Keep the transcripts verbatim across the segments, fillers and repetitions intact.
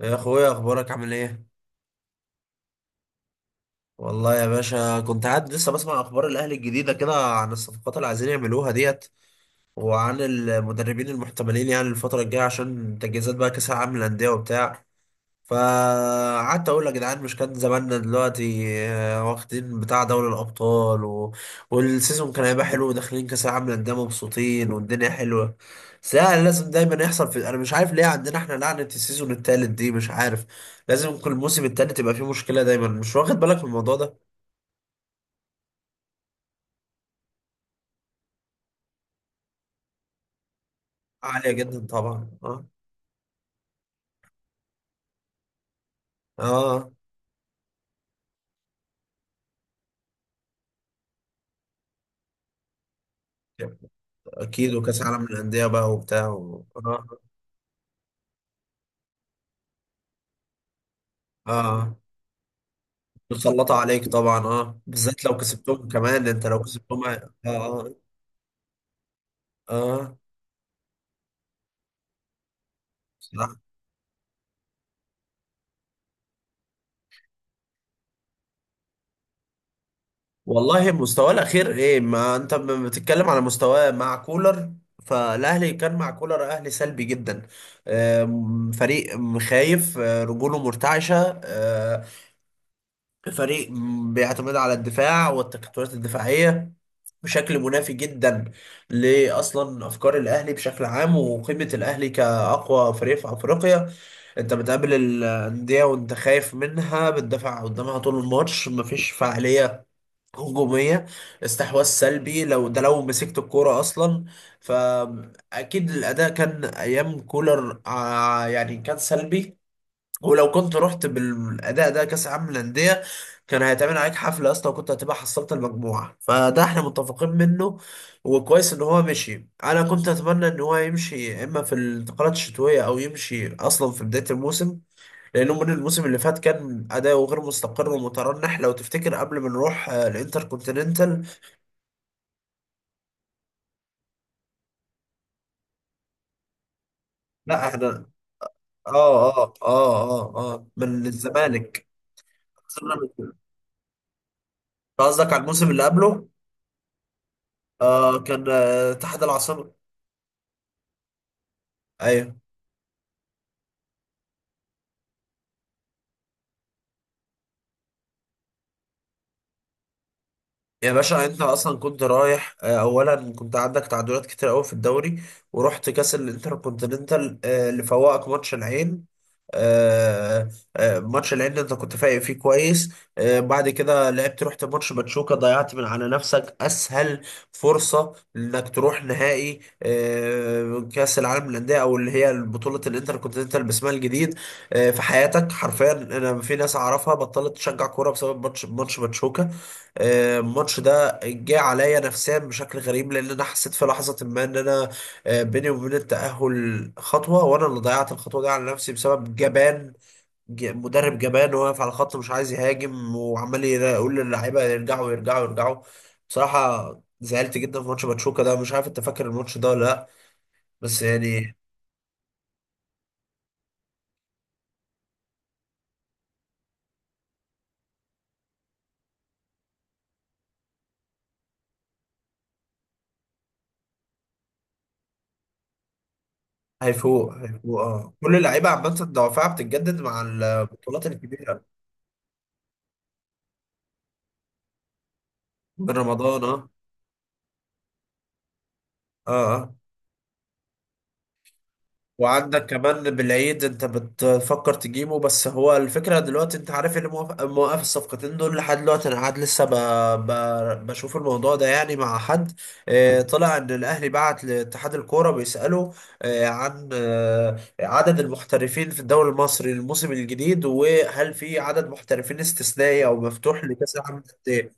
يا اخويا، اخبارك عامل ايه؟ والله يا باشا كنت قاعد لسه بسمع اخبار الاهلي الجديده كده عن الصفقات اللي عايزين يعملوها ديت وعن المدربين المحتملين، يعني الفتره الجايه عشان تجهيزات بقى كاس العالم للانديه وبتاع. فقعدت اقول يا جدعان، مش كان زماننا دلوقتي آه، واخدين بتاع دوري الابطال و... والسيزون كان هيبقى حلو وداخلين كاس العالم للانديه مبسوطين والدنيا حلوه. بس لا، لازم دايما يحصل في، انا مش عارف ليه عندنا احنا لعنه السيزون التالت دي، مش عارف. لازم كل موسم التالت يبقى فيه مشكله دايما، مش واخد بالك من الموضوع ده؟ عاليه جدا طبعا، اه اه. اكيد، وكاس العالم للانديه بقى وبتاع و... اه. اه، متسلطة عليك طبعا، اه، بالذات لو كسبتهم كمان، انت لو كسبتهم، اه اه. آه. صراحة. والله مستواه الأخير ايه؟ ما انت ب- بتتكلم على مستواه مع كولر، فالأهلي كان مع كولر أهلي سلبي جدا. آم، فريق خايف، آه، رجوله مرتعشة، آه، فريق م- بيعتمد على الدفاع والتكتلات الدفاعية بشكل منافي جدا لأصلا أفكار الأهلي بشكل عام وقيمة الأهلي كأقوى فريق في أفريقيا. انت بتقابل الانديه وانت خايف منها، بتدافع قدامها طول الماتش، مفيش فعاليه هجوميه، استحواذ سلبي لو ده لو مسكت الكوره اصلا. فاكيد الاداء كان ايام كولر، آه، يعني كان سلبي. ولو كنت رحت بالاداء ده كاس عالم للانديه كان هيتعمل عليك حفله اصلا، وكنت هتبقى حصلت المجموعه، فده احنا متفقين منه. وكويس ان هو مشي. انا كنت اتمنى ان هو يمشي يا اما في الانتقالات الشتويه او يمشي اصلا في بدايه الموسم، لأنه من الموسم اللي فات كان أداؤه غير مستقر ومترنح، لو تفتكر قبل ما نروح آه، الانتر كونتيننتال. لا احنا اه. اه اه اه، اه من الزمالك. خسرنا من- قصدك على الموسم اللي قبله. آه، كان آه اتحاد العاصمة. ايوه. يا باشا انت اصلا كنت رايح، آه، اولا كنت عندك تعادلات كتير قوي في الدوري، ورحت كاس الانتركونتيننتال، آه، اللي فوقك ماتش العين. آه، آه، ماتش العين اللي انت كنت فايق فيه كويس، آه، بعد كده لعبت، رحت ماتش باتشوكا، ضيعت من على نفسك اسهل فرصة انك تروح نهائي، آه، كاس العالم للانديه او اللي هي بطولة الانتركونتيننتال باسمها الجديد، آه، في حياتك حرفيا. انا في ناس اعرفها بطلت تشجع كوره بسبب ماتش ماتش باتشوكا. آه، الماتش ده جه عليا نفسيا بشكل غريب، لان انا حسيت في لحظه ما ان انا آه، بيني وبين التاهل خطوه، وانا اللي ضيعت الخطوه دي على نفسي بسبب جبان، ج- مدرب جبان واقف على الخط مش عايز يهاجم، وعمال يرا- يقول للعيبه يرجعوا يرجعوا يرجعوا، بصراحه. زعلت جدا في ماتش باتشوكا ده، مش عارف انت فاكر الماتش ده ولا لا، بس يعني. هيفوق هيفوق اه، كل اللعيبه عامه دوافعها بتتجدد مع البطولات الكبيره. من رمضان، اه اه. آه. وعندك كمان بالعيد انت بتفكر تجيبه. بس هو الفكرة دلوقتي، انت عارف اللي موقف موقف الصفقتين دول لحد دلوقتي، انا قاعد لسه ب... ب... بشوف الموضوع ده يعني مع حد. اه، طلع ان الاهلي بعت لاتحاد الكورة بيسأله اه عن اه عدد المحترفين في الدوري المصري الموسم الجديد، وهل في عدد محترفين استثنائي او مفتوح لكأس العالم للأندية،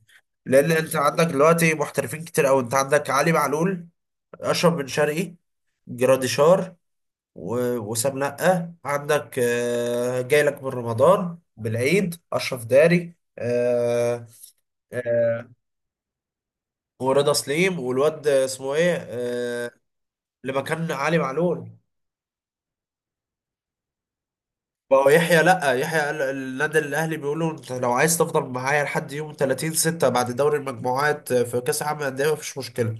لان انت عندك دلوقتي محترفين كتير، او انت عندك علي معلول، اشرف بن شرقي، جراديشار، و- وسام نقة، عندك آه، جاي لك من رمضان بالعيد، أشرف داري، آه، آه، ورضا سليم، والواد اسمه ايه، آه، اللي مكان علي معلول. بقى يحيى، لا يحيى قال- النادي الاهلي بيقولوا انت لو عايز تفضل معايا لحد يوم ثلاثين سته بعد دوري المجموعات في كاس العالم للانديه مفيش مشكله.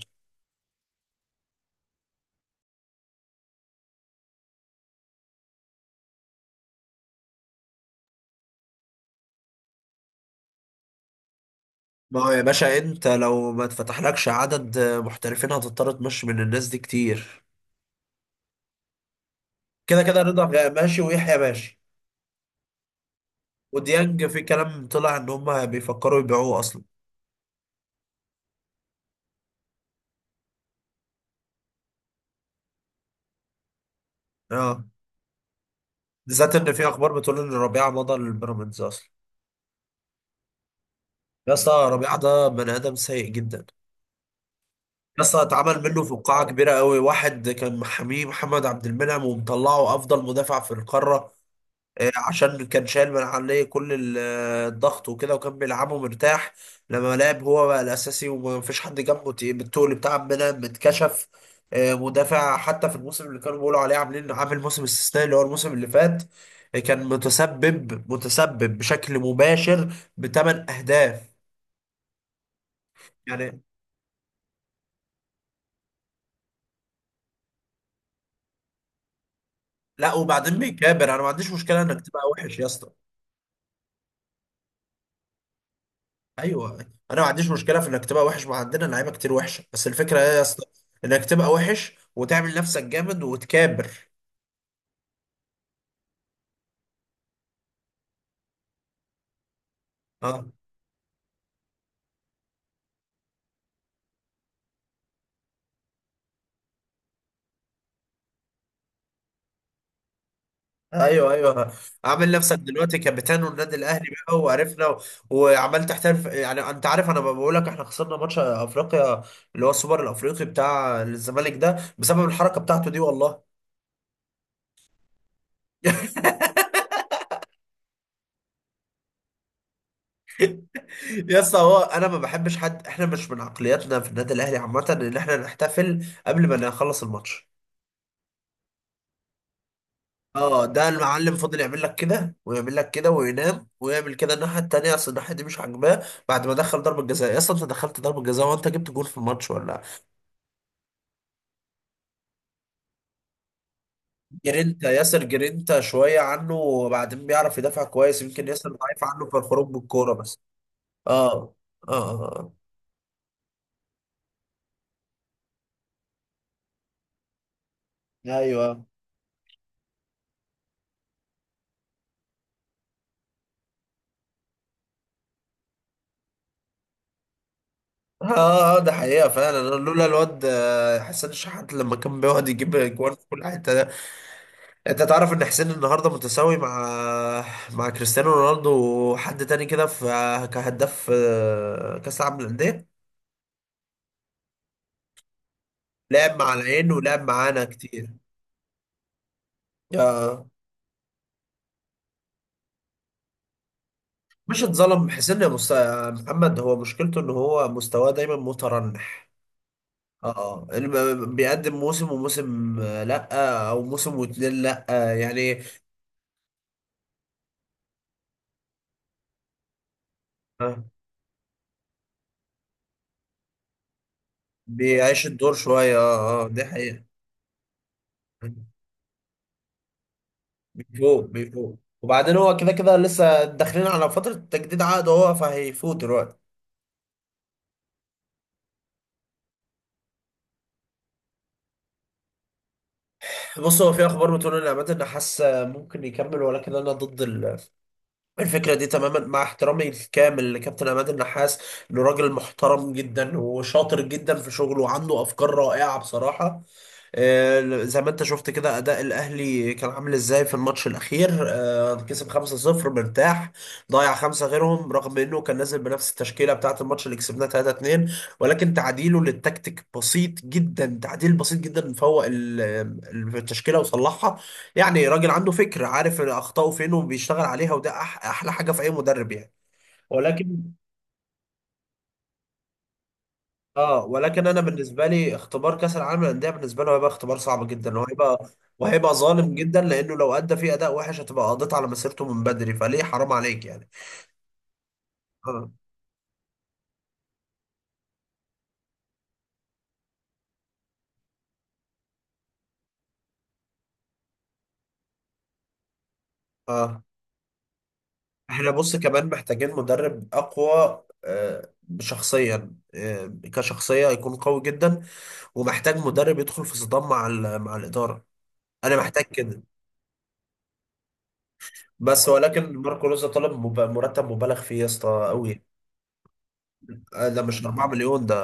ما هو يا باشا انت لو ما اتفتحلكش عدد محترفين هتضطر تمشي من الناس دي كتير. كده كده رضا غ- ماشي، ويحيى ماشي. وديانج في كلام طلع ان هم بيفكروا يبيعوه اصلا. اه، بالذات ان في اخبار بتقول ان ربيعه مضى للبيراميدز اصلا. يا اسطى ربيعه ده بني ادم سيء جدا. يا اسطى اتعمل منه فقاعه كبيره قوي. واحد كان محاميه محمد عبد المنعم ومطلعه افضل مدافع في القاره، آه، عشان كان شايل من عليه كل ال- آه، الضغط وكده، وكان بيلعبه مرتاح. لما لعب هو بقى الاساسي ومفيش حد جنبه تقيل، بالتقل بتاع منها متكشف، آه، مدافع. حتى في الموسم اللي كانوا بيقولوا عليه عاملين عامل موسم استثنائي اللي هو الموسم اللي فات، آه، كان متسبب متسبب بشكل مباشر بثمان اهداف، يعني. لا وبعدين بيكابر. انا ما عنديش مشكله انك تبقى وحش يا اسطى. ايوه. انا ما عنديش مشكله في انك تبقى وحش، ما عندنا لعيبه كتير وحشه، بس الفكره ايه يا اسطى؟ انك تبقى وحش وتعمل نفسك جامد وتكابر. اه. ايوه ايوه. عامل نفسك دلوقتي كابتن والنادي الاهلي بقى وعرفنا و... وعمال تحترف. يعني انت عارف انا بقول لك، احنا خسرنا ماتش افريقيا اللي هو السوبر الافريقي بتاع الزمالك ده بسبب الحركه بتاعته دي والله. يا اسطى هو انا ما بحبش حد. احنا مش من عقلياتنا في النادي الاهلي عامه ان احنا نحتفل قبل ما نخلص الماتش. اه، ده المعلم فضل يعمل لك كده ويعمل لك كده وينام ويعمل كده الناحيه التانيه، اصل الناحيه دي مش عاجباه. بعد ما دخل ضربه جزاء، يا اسطى انت دخلت ضربه جزاء وانت جبت جول في الماتش ولا؟ جرينتا، ياسر جرينتا شويه عنه، وبعدين بيعرف يدافع كويس، يمكن ياسر ضعيف عنه في الخروج بالكوره بس. اه اه اه اه. ايوه، اه. آه، آه، ده حقيقه فعلا. أنا لولا الواد آه، حسين الشحات لما كان بيقعد يجيب جوان في كل حته. انت تعرف ان حسين النهارده متساوي مع مع كريستيانو رونالدو وحد تاني كده في كهداف آه، كاس العالم للانديه. لعب مع العين ولعب معانا كتير، آه، مش اتظلم حسين يا مست- يا محمد. هو مشكلته ان هو مستواه دايما مترنح. اه الم- بيقدم موسم وموسم، آه، لا او موسم واتنين، لا، آه، يعني، آه، بيعيش الدور شويه، اه اه، دي حقيقه. من فوق، من فوق. وبعدين هو كده كده لسه داخلين على فترة تجديد عقد هو، فهيفوت دلوقتي. بص، هو في اخبار بتقول ان عماد النحاس ممكن يكمل، ولكن انا ضد ال- الفكرة دي تماما، مع احترامي الكامل لكابتن عماد النحاس، انه راجل محترم جدا وشاطر جدا في شغله وعنده افكار رائعة بصراحة. آه، زي ما انت شفت كده اداء الاهلي كان عامل ازاي في الماتش الاخير، آه، كسب خمسه صفر مرتاح، ضيع خمسه غيرهم، رغم انه كان نازل بنفس التشكيله بتاعه الماتش اللي كسبناه ثلاثه اتنين، ولكن تعديله للتكتيك بسيط جدا، تعديل بسيط جدا فوق ال- ال- التشكيله وصلحها. يعني راجل عنده فكر، عارف اخطائه فين وبيشتغل عليها، وده أح- احلى حاجه في اي مدرب يعني. ولكن اه، ولكن انا بالنسبه لي اختبار كاس العالم للانديه بالنسبه له هيبقى اختبار صعب جدا، وهيبقى، وهيبقى ظالم جدا، لانه لو ادى فيه اداء وحش هتبقى قضيت على مسيرته من بدري، فليه؟ حرام عليك يعني. اه اه. احنا بص كمان محتاجين مدرب اقوى، آه، شخصيا، آه، كشخصيه يكون قوي جدا، ومحتاج مدرب يدخل في صدام مع ال- مع الاداره. انا محتاج كده. بس ولكن ماركو لوزا طلب مب- مرتب مبالغ فيه يا اسطى قوي. آه، ده مش اربع مليون، ده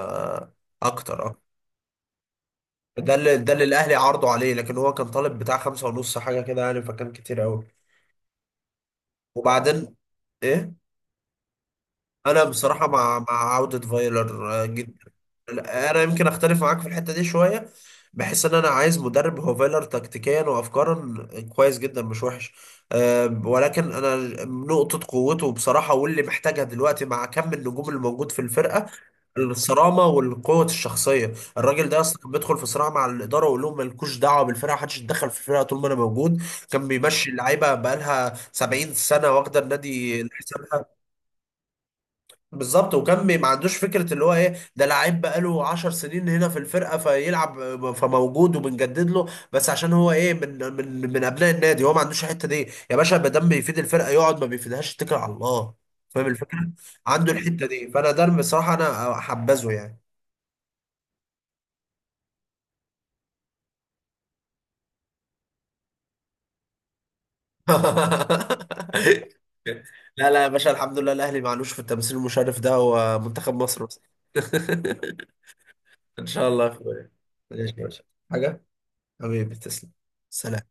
اكتر. ده اللي، ده اللي الاهلي عرضوا عليه، لكن هو كان طالب بتاع خمسة ونص حاجه كده يعني، فكان كتير قوي. وبعدين ايه، انا بصراحه مع مع عوده فايلر آه، جدا. انا يمكن اختلف معاك في الحته دي شويه، بحس ان انا عايز مدرب. هو فايلر تكتيكيا وافكارا كويس جدا، مش وحش. أه ولكن انا نقطه قوته بصراحه واللي محتاجها دلوقتي مع كم النجوم اللي موجود في الفرقه، الصرامه والقوه الشخصيه. الراجل ده اصلا كان بيدخل في صراع مع الاداره ويقول لهم مالكوش دعوه بالفرقه، محدش يتدخل في الفرقه طول ما انا موجود. كان بيمشي اللعيبه بقالها سبعين سنه واخده النادي لحسابها. بالظبط، وكان بي- ما عندوش فكره اللي هو ايه ده لعيب بقاله عشر سنين هنا في الفرقه فيلعب فموجود وبنجدد له بس عشان هو ايه من من من ابناء النادي. هو ما عندوش الحته دي يا باشا. ما دام بيفيد الفرقه يقعد، ما بيفيدهاش اتكل على الله. فاهم الفكره؟ عنده الحته دي، فانا ده بصراحه انا حبذه يعني. لا لا يا باشا، الحمد لله الاهلي معلوش في التمثيل المشرف ده ومنتخب مصر بس. ان شاء الله يا اخويا. ماشي يا باشا. حاجه، حبيبي تسلم. سلام.